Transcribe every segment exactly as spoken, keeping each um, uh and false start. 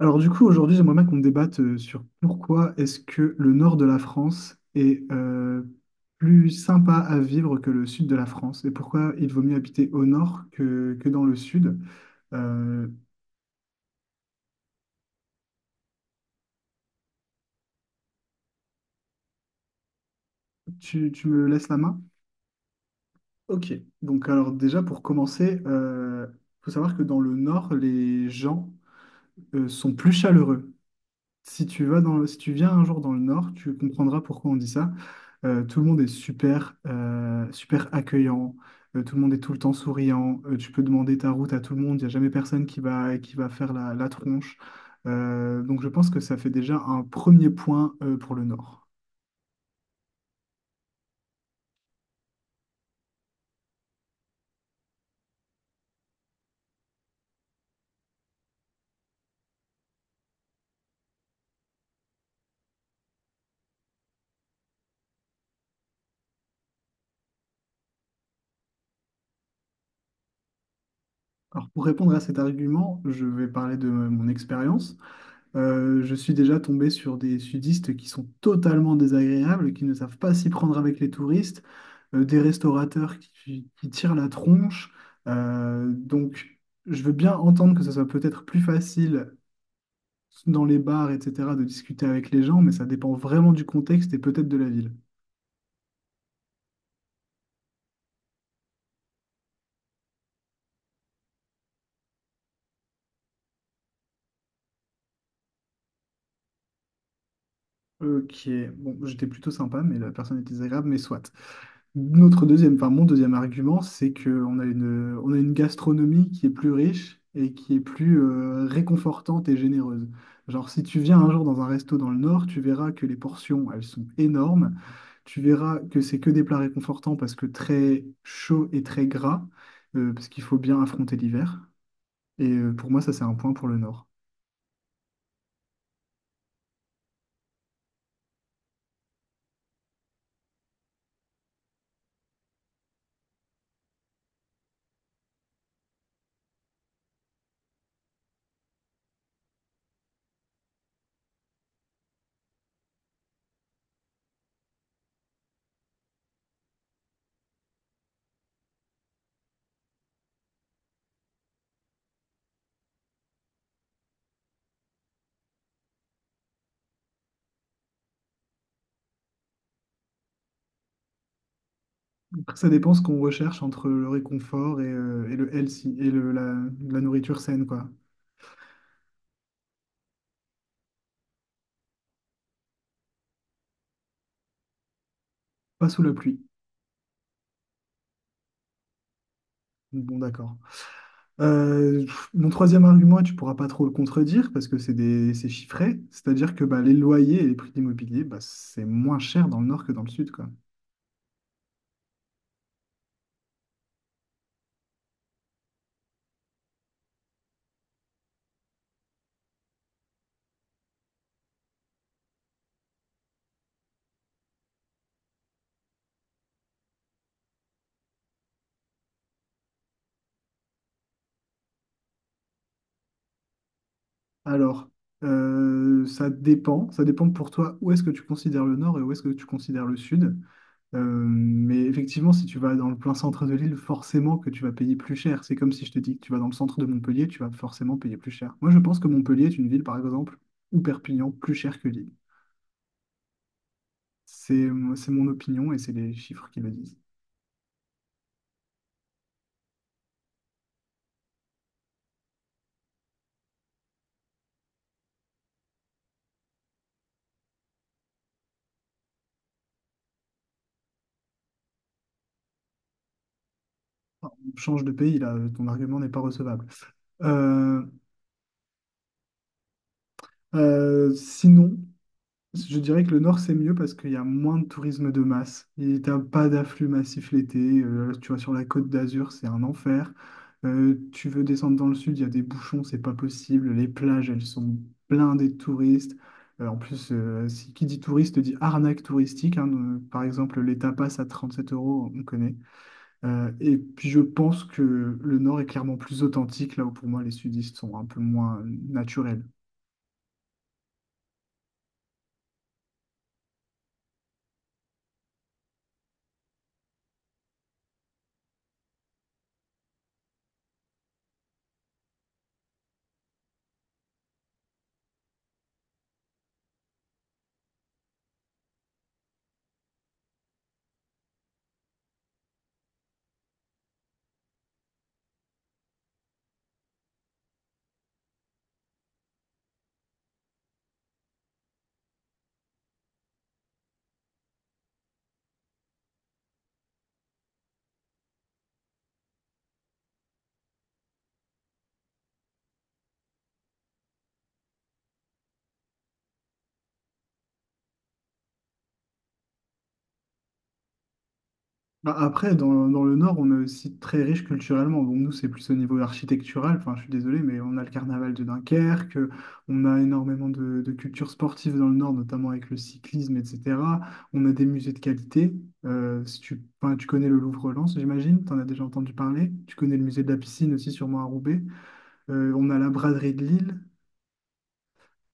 Alors du coup, aujourd'hui, j'aimerais bien qu'on débatte euh, sur pourquoi est-ce que le nord de la France est euh, plus sympa à vivre que le sud de la France et pourquoi il vaut mieux habiter au nord que, que dans le sud. Euh, tu, tu me laisses la main? Ok, donc alors déjà pour commencer, il faut savoir que dans le nord, les gens euh, sont plus chaleureux. Si tu vas dans le- Si tu viens un jour dans le Nord, tu comprendras pourquoi on dit ça. Euh, tout le monde est super, euh, super accueillant. Euh, tout le monde est tout le temps souriant. Euh, tu peux demander ta route à tout le monde. Il n'y a jamais personne qui va, qui va faire la, la tronche. Euh, donc je pense que ça fait déjà un premier point, euh, pour le Nord. Alors pour répondre à cet argument, je vais parler de mon expérience. Euh, je suis déjà tombé sur des sudistes qui sont totalement désagréables, qui ne savent pas s'y prendre avec les touristes, euh, des restaurateurs qui, qui tirent la tronche. Euh, donc, je veux bien entendre que ce soit peut-être plus facile dans les bars, et cetera, de discuter avec les gens, mais ça dépend vraiment du contexte et peut-être de la ville. Ok, bon, j'étais plutôt sympa, mais la personne était désagréable, mais soit. Notre deuxième, enfin mon deuxième argument, c'est qu'on a une, on a une gastronomie qui est plus riche et qui est plus euh, réconfortante et généreuse. Genre, si tu viens un jour dans un resto dans le Nord, tu verras que les portions, elles sont énormes. Tu verras que c'est que des plats réconfortants parce que très chaud et très gras, euh, parce qu'il faut bien affronter l'hiver. Et euh, pour moi, ça, c'est un point pour le Nord. Après, ça dépend ce qu'on recherche entre le réconfort et, euh, et le healthy, et le, la, la nourriture saine, quoi. Pas sous la pluie. Bon, d'accord. Euh, Mon troisième argument, et tu pourras pas trop le contredire parce que c'est des, c'est chiffré, c'est-à-dire que bah, les loyers et les prix de l'immobilier, bah, c'est moins cher dans le nord que dans le sud, quoi. Alors, euh, ça dépend, ça dépend pour toi où est-ce que tu considères le nord et où est-ce que tu considères le sud. Euh, mais effectivement, si tu vas dans le plein centre de l'île, forcément que tu vas payer plus cher. C'est comme si je te dis que tu vas dans le centre de Montpellier, tu vas forcément payer plus cher. Moi, je pense que Montpellier est une ville, par exemple, ou Perpignan, plus chère que Lille. C'est, c'est mon opinion et c'est les chiffres qui le disent. Change de pays, là, ton argument n'est pas recevable. Euh, euh, sinon, je dirais que le nord, c'est mieux parce qu'il y a moins de tourisme de masse. Il t'as pas d'afflux massif l'été. Euh, tu vois, sur la côte d'Azur, c'est un enfer. Euh, tu veux descendre dans le sud, il y a des bouchons, c'est pas possible. Les plages, elles sont blindées de touristes. Euh, en plus, euh, si, qui dit touriste dit arnaque touristique, hein. Euh, par exemple, les tapas à trente-sept euros, on connaît. Euh, et puis je pense que le Nord est clairement plus authentique, là où pour moi les sudistes sont un peu moins naturels. Bah, après, dans, dans le Nord, on est aussi très riche culturellement. Bon, nous, c'est plus au niveau architectural, enfin, je suis désolé, mais on a le carnaval de Dunkerque, on a énormément de, de culture sportive dans le Nord, notamment avec le cyclisme, et cetera. On a des musées de qualité. Euh, si tu, enfin, Tu connais le Louvre-Lens, j'imagine, tu en as déjà entendu parler. Tu connais le musée de la piscine aussi, sûrement à Roubaix. Euh, on a la braderie de Lille.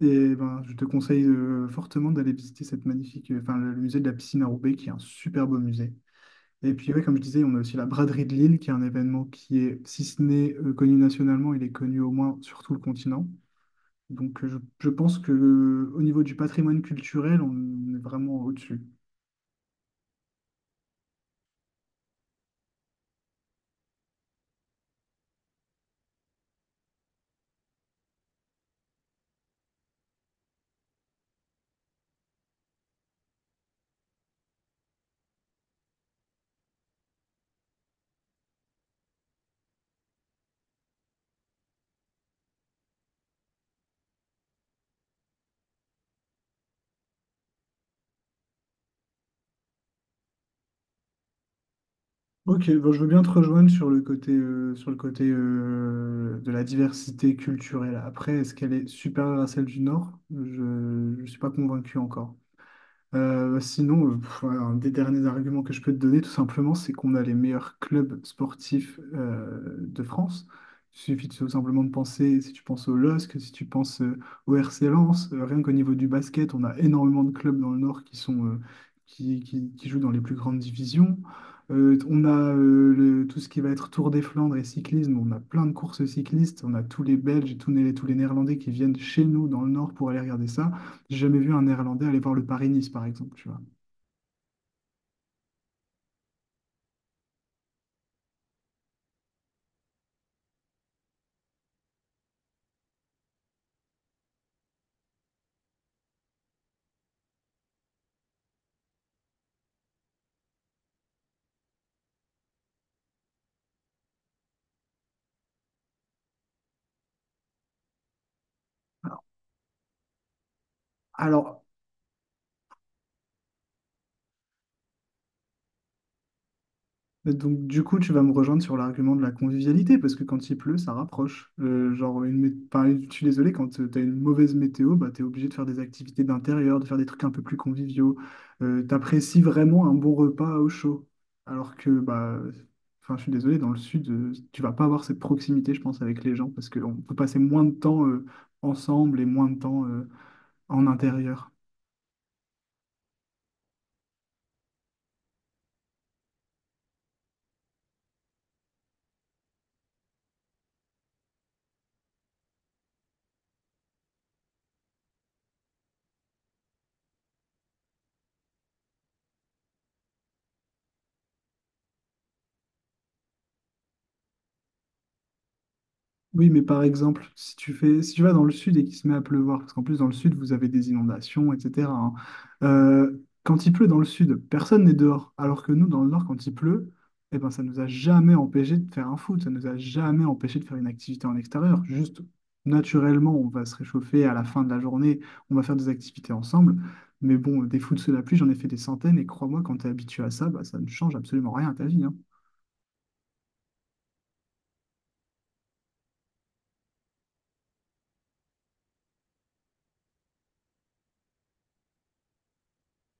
Et ben, je te conseille euh, fortement d'aller visiter cette magnifique, euh, enfin, le, le musée de la piscine à Roubaix, qui est un super beau musée. Et puis, ouais, comme je disais, on a aussi la braderie de Lille, qui est un événement qui est, si ce n'est euh, connu nationalement, il est connu au moins sur tout le continent. Donc, euh, je, je pense que euh, au niveau du patrimoine culturel, on est vraiment au-dessus. Ok, bon, je veux bien te rejoindre sur le côté, euh, sur le côté euh, de la diversité culturelle. Après, est-ce qu'elle est supérieure à celle du Nord? Je ne suis pas convaincu encore. Euh, sinon, euh, pff, voilà, un des derniers arguments que je peux te donner, tout simplement, c'est qu'on a les meilleurs clubs sportifs euh, de France. Il suffit de- tout simplement de penser, si tu penses au LOSC, si tu penses euh, au R C Lens, euh, rien qu'au niveau du basket, on a énormément de clubs dans le Nord qui sont, euh, qui, qui- qui jouent dans les plus grandes divisions. Euh, on a euh, le- tout ce qui va être Tour des Flandres et cyclisme, on a plein de courses cyclistes, on a tous les Belges et tous les, tous les Néerlandais qui viennent chez nous dans le Nord pour aller regarder ça. J'ai jamais vu un Néerlandais aller voir le Paris-Nice, par exemple, tu vois. Alors, alors, donc du coup, tu vas me rejoindre sur l'argument de la convivialité, parce que quand il pleut, ça rapproche. Euh, genre, une mé- enfin, je suis désolé, quand tu as une mauvaise météo, bah, tu es obligé de faire des activités d'intérieur, de faire des trucs un peu plus conviviaux. Euh, t'apprécies vraiment un bon repas au chaud. Alors que, bah, enfin, je suis désolé, dans le sud, euh, tu vas pas avoir cette proximité, je pense, avec les gens, parce qu'on peut passer moins de temps euh, ensemble et moins de temps euh, en intérieur. Oui, mais par exemple, si tu fais, si tu vas dans le sud et qu'il se met à pleuvoir, parce qu'en plus dans le sud, vous avez des inondations, et cetera, hein, euh, quand il pleut dans le sud, personne n'est dehors. Alors que nous, dans le nord, quand il pleut, eh ben, ça nous a jamais empêché de faire un foot, ça nous a jamais empêché de faire une activité en extérieur. Juste, naturellement, on va se réchauffer à la fin de la journée, on va faire des activités ensemble. Mais bon, des foot sous la pluie, j'en ai fait des centaines, et crois-moi, quand tu es habitué à ça, bah, ça ne change absolument rien à ta vie, hein.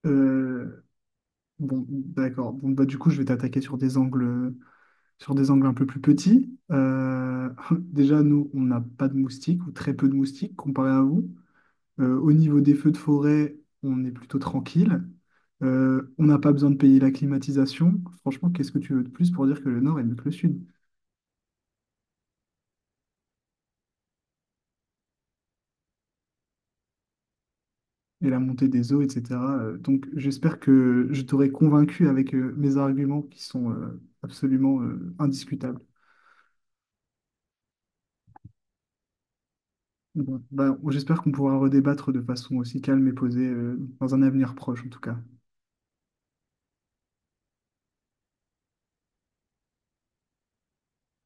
Euh, Bon, d'accord. Bon, bah, du coup, je vais t'attaquer sur des angles, sur des angles un peu plus petits. Euh, déjà, nous, on n'a pas de moustiques ou très peu de moustiques comparé à vous. Euh, au niveau des feux de forêt, on est plutôt tranquille. Euh, on n'a pas besoin de payer la climatisation. Franchement, qu'est-ce que tu veux de plus pour dire que le nord est mieux que le sud? Et la montée des eaux, et cetera. Euh, donc, j'espère que je t'aurai convaincu avec euh, mes arguments qui sont euh, absolument euh, indiscutables. Bon, bah, j'espère qu'on pourra redébattre de façon aussi calme et posée, euh, dans un avenir proche en tout cas.